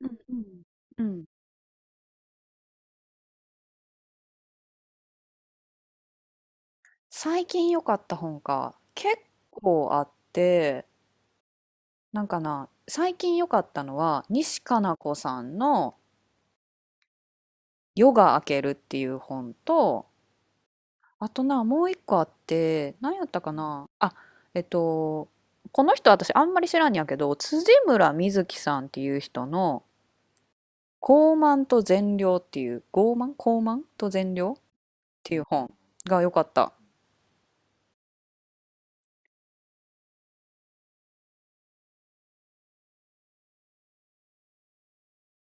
うんうん、うん。最近良かった本か、結構あって、なんかな、最近良かったのは西加奈子さんの「夜が明ける」っていう本と、あとな、もう一個あって何やったかなあ。えっとこの人私あんまり知らんやけど辻村瑞月さんっていう人の「傲慢と善良」っていう「傲慢と善良」っていう本が良かった。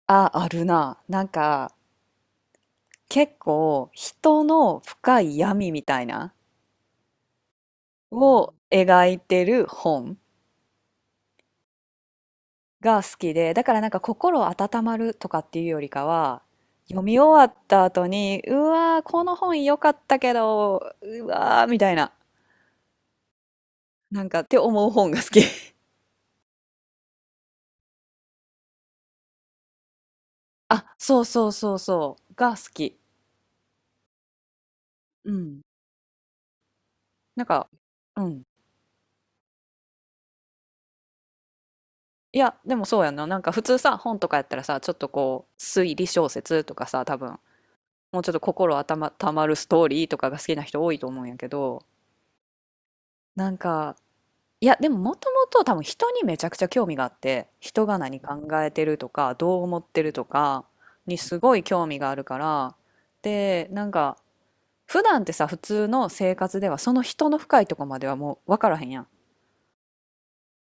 あ、あるな。なんか結構人の深い闇みたいなを描いてる本が好きで、だからなんか心温まるとかっていうよりかは、読み終わった後に、うわー、この本良かったけど、うわー、みたいな、なんかって思う本が好き。あ、そうそうそうそう、が好き。うん。なんか、うん。いや、でもそうやんな。なんか普通さ、本とかやったらさ、ちょっとこう、推理小説とかさ、多分もうちょっと心温ま、たまるストーリーとかが好きな人多いと思うんやけど、なんか、いや、でももともと多分人にめちゃくちゃ興味があって、人が何考えてるとか、どう思ってるとかにすごい興味があるから、で、なんか、普段ってさ、普通の生活ではその人の深いとこまではもう分からへんやん。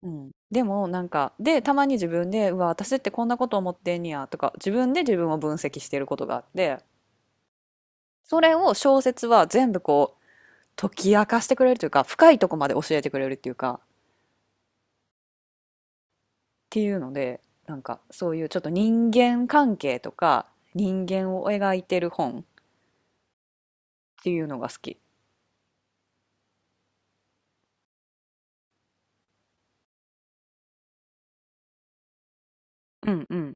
うん、でもなんかでたまに自分で「うわ私ってこんなこと思ってんねや」とか自分で自分を分析してることがあって、それを小説は全部こう解き明かしてくれるというか、深いとこまで教えてくれるっていうか、っていうので、なんかそういうちょっと人間関係とか、人間を描いてる本っていうのが好き。うんうん。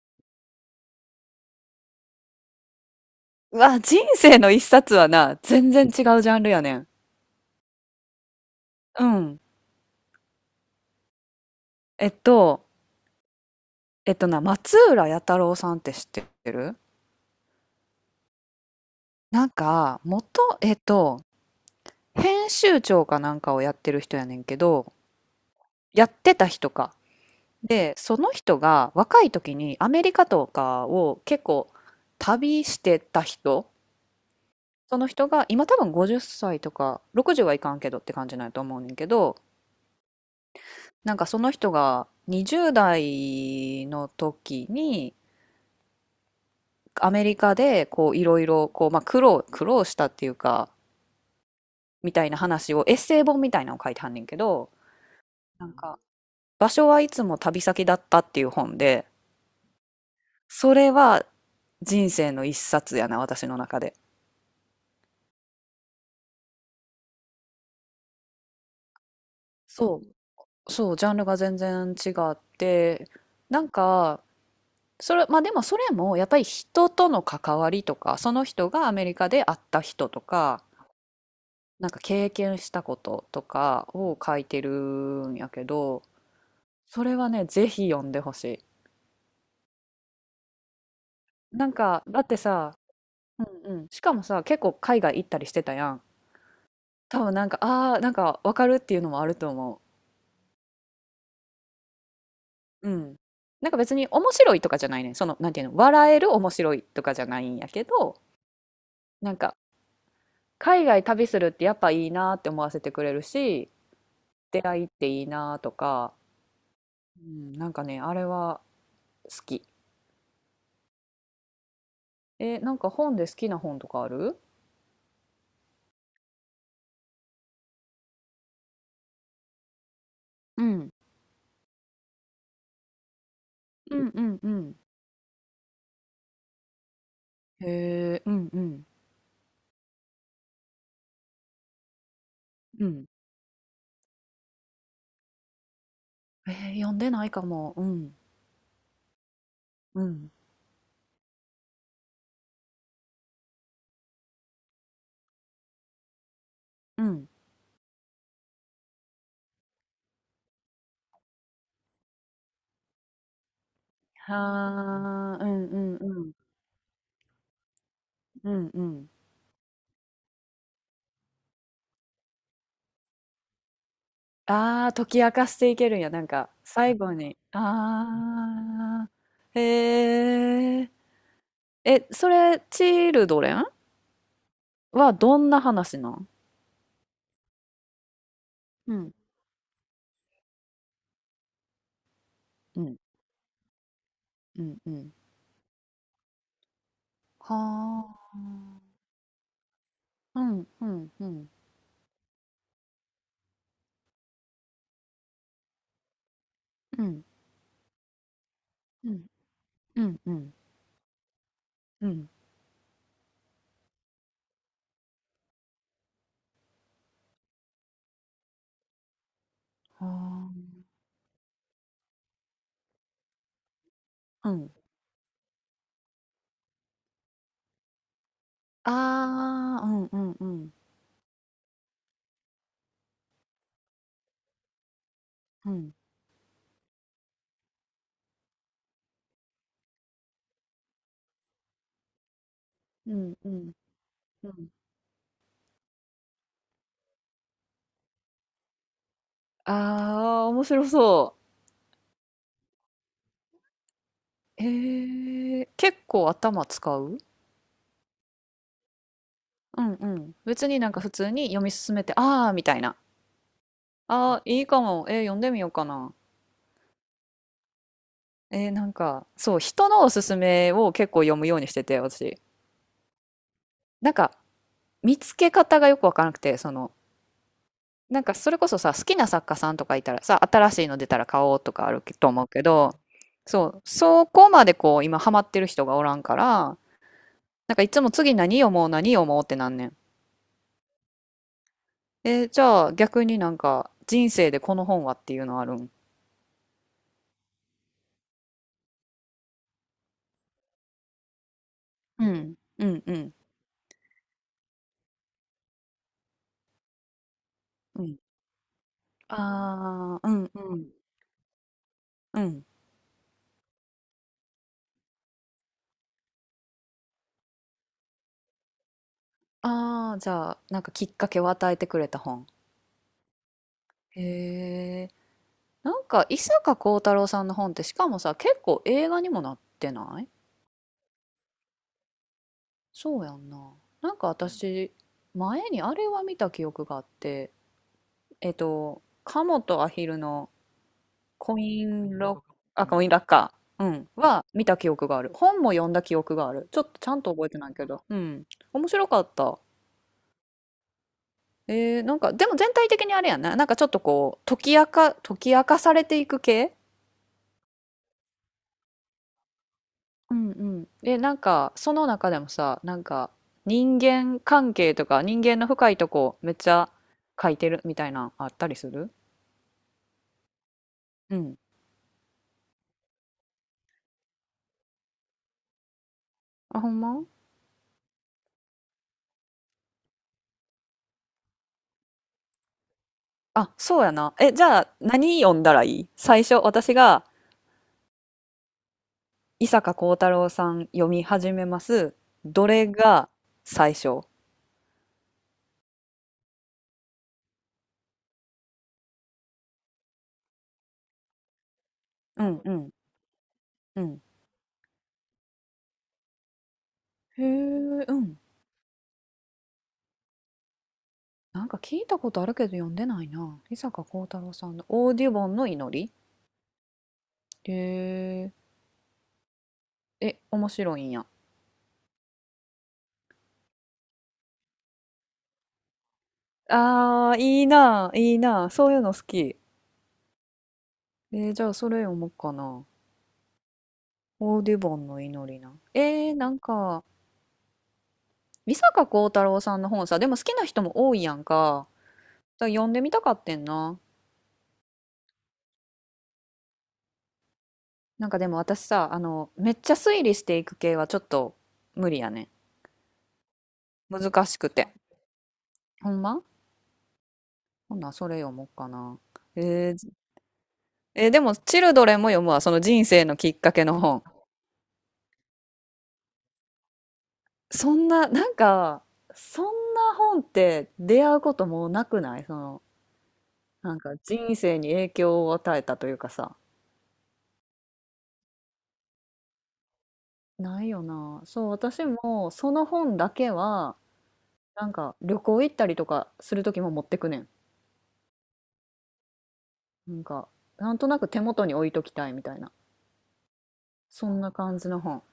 うわ、人生の一冊はな、全然違うジャンルやねん。うん。えっと、えっとな、松浦弥太郎さんって知ってる。なんか、元、えっと、編集長かなんかをやってる人やねんけど、やってた人か。で、その人が若い時にアメリカとかを結構旅してた人、その人が今多分50歳とか60はいかんけどって感じなんやと思うねんけど、なんかその人が20代の時にアメリカでこういろいろこう、まあ、苦労したっていうか、みたいな話をエッセイ本みたいなのを書いてはんねんけど、なんか場所はいつも旅先だったっていう本で、それは人生の一冊やな、私の中で。そう、そう、ジャンルが全然違って、なんか、それ、まあでもそれもやっぱり人との関わりとか、その人がアメリカで会った人とか、なんか経験したこととかを書いてるんやけど、それはね、ぜひ読んでほしい。なんか、だってさ、うんうん、しかもさ、結構海外行ったりしてたやん。多分なんか、ああ、なんかわかるっていうのもあると思う。うん。なんか別に面白いとかじゃないね。その、なんていうの、笑える面白いとかじゃないんやけど、なんか海外旅するってやっぱいいなって思わせてくれるし、出会いっていいなとか、うん、なんかねあれは好き。え、なんか本で好きな本とかある？うんうんうん。うん。へえ、うんうんうん。えー、読んでないかも。うん。うんうん。はあ、うんうんうん。うんうん。ああー、解き明かしていけるんや、なんか、最後に。ああ、へえ。え、それチルドレンはどんな話なん？うんうんうん。うん。はあ。うんうんうんうんうんうんうんうん。はあ。うん。ああ、うんうんうんうんうんうんうん。ああ、面白そう。へえ、結構頭使う？うんうん。別になんか普通に読み進めて、ああ、みたいな。ああ、いいかも。えー、読んでみようかな。えー、なんか、そう、人のおすすめを結構読むようにしてて、私。なんか見つけ方がよくわからなくて、その、なんかそれこそさ、好きな作家さんとかいたらさ、新しいの出たら買おうとかあると思うけど、そう、そこまでこう、今ハマってる人がおらんから、なんかいつも次何読もう何読もうってなんねん。えー、じゃあ逆になんか人生でこの本はっていうのあるん？うん、うん、うん、うん。ああ、うん、うん、うん。ああ、じゃあなんかきっかけを与えてくれた本。へなんか伊坂幸太郎さんの本ってしかもさ結構映画にもなってない？そうやんな。なんか私前にあれは見た記憶があって、「鴨モとアヒル」のコインラッカー、うん、は見た記憶がある。本も読んだ記憶がある。ちょっとちゃんと覚えてないけど、うん、面白かった。えー、なんかでも全体的にあれやな、なんかちょっとこう、解き明かされていく系。うんうん。で、なんか、その中でもさ、なんか、人間関係とか、人間の深いとこ、めっちゃ書いてるみたいな、あったりする？うん。あ、ほんま？あ、そうやな。え、じゃあ、何読んだらいい最初、私が、伊坂幸太郎さん読み始めます。どれが最初？うんうんうん。へえ、うん。なんか聞いたことあるけど読んでないな。伊坂幸太郎さんの「オーディボンの祈り」。へえ、え、面白いんや。ああ、いいな、いいな。そういうの好き。えー、じゃあそれ読もうかな。オーディボンの祈りな。えー、なんか、美坂幸太郎さんの本さ、でも好きな人も多いやんか。だから読んでみたかってんな。なんかでも私さ、あの、めっちゃ推理していく系はちょっと無理やね。難しくて。ほんま、ほんならそれ読もうかな。えー、えーでも、チルドレンも読むわ。その人生のきっかけの本。そんな、なんか、そんな本って出会うこともなくない？その、なんか人生に影響を与えたというかさ。ないよな。そう、私もその本だけは、なんか旅行行ったりとかする時も持ってくねん。なんか、なんとなく手元に置いときたいみたいな。そんな感じの本。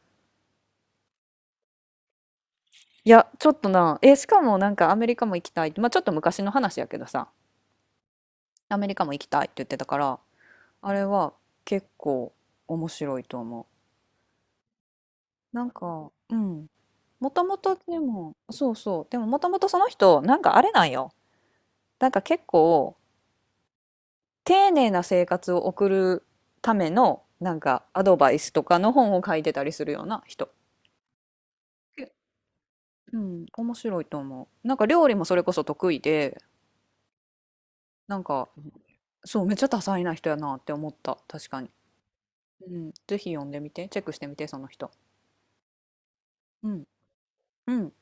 いや、ちょっとな、え、しかもなんかアメリカも行きたいって、まあちょっと昔の話やけどさ、アメリカも行きたいって言ってたから、あれは結構面白いと思う。なんか、うん、もともとでも、そうそう。でももともとその人、なんかあれなんよ。なんか結構、丁寧な生活を送るための、なんかアドバイスとかの本を書いてたりするような人。え、うん、面白いと思う。なんか料理もそれこそ得意で、なんか、そう、めっちゃ多彩な人やなって思った。確かに。うん、ぜひ読んでみて、チェックしてみて、その人。うん、うん。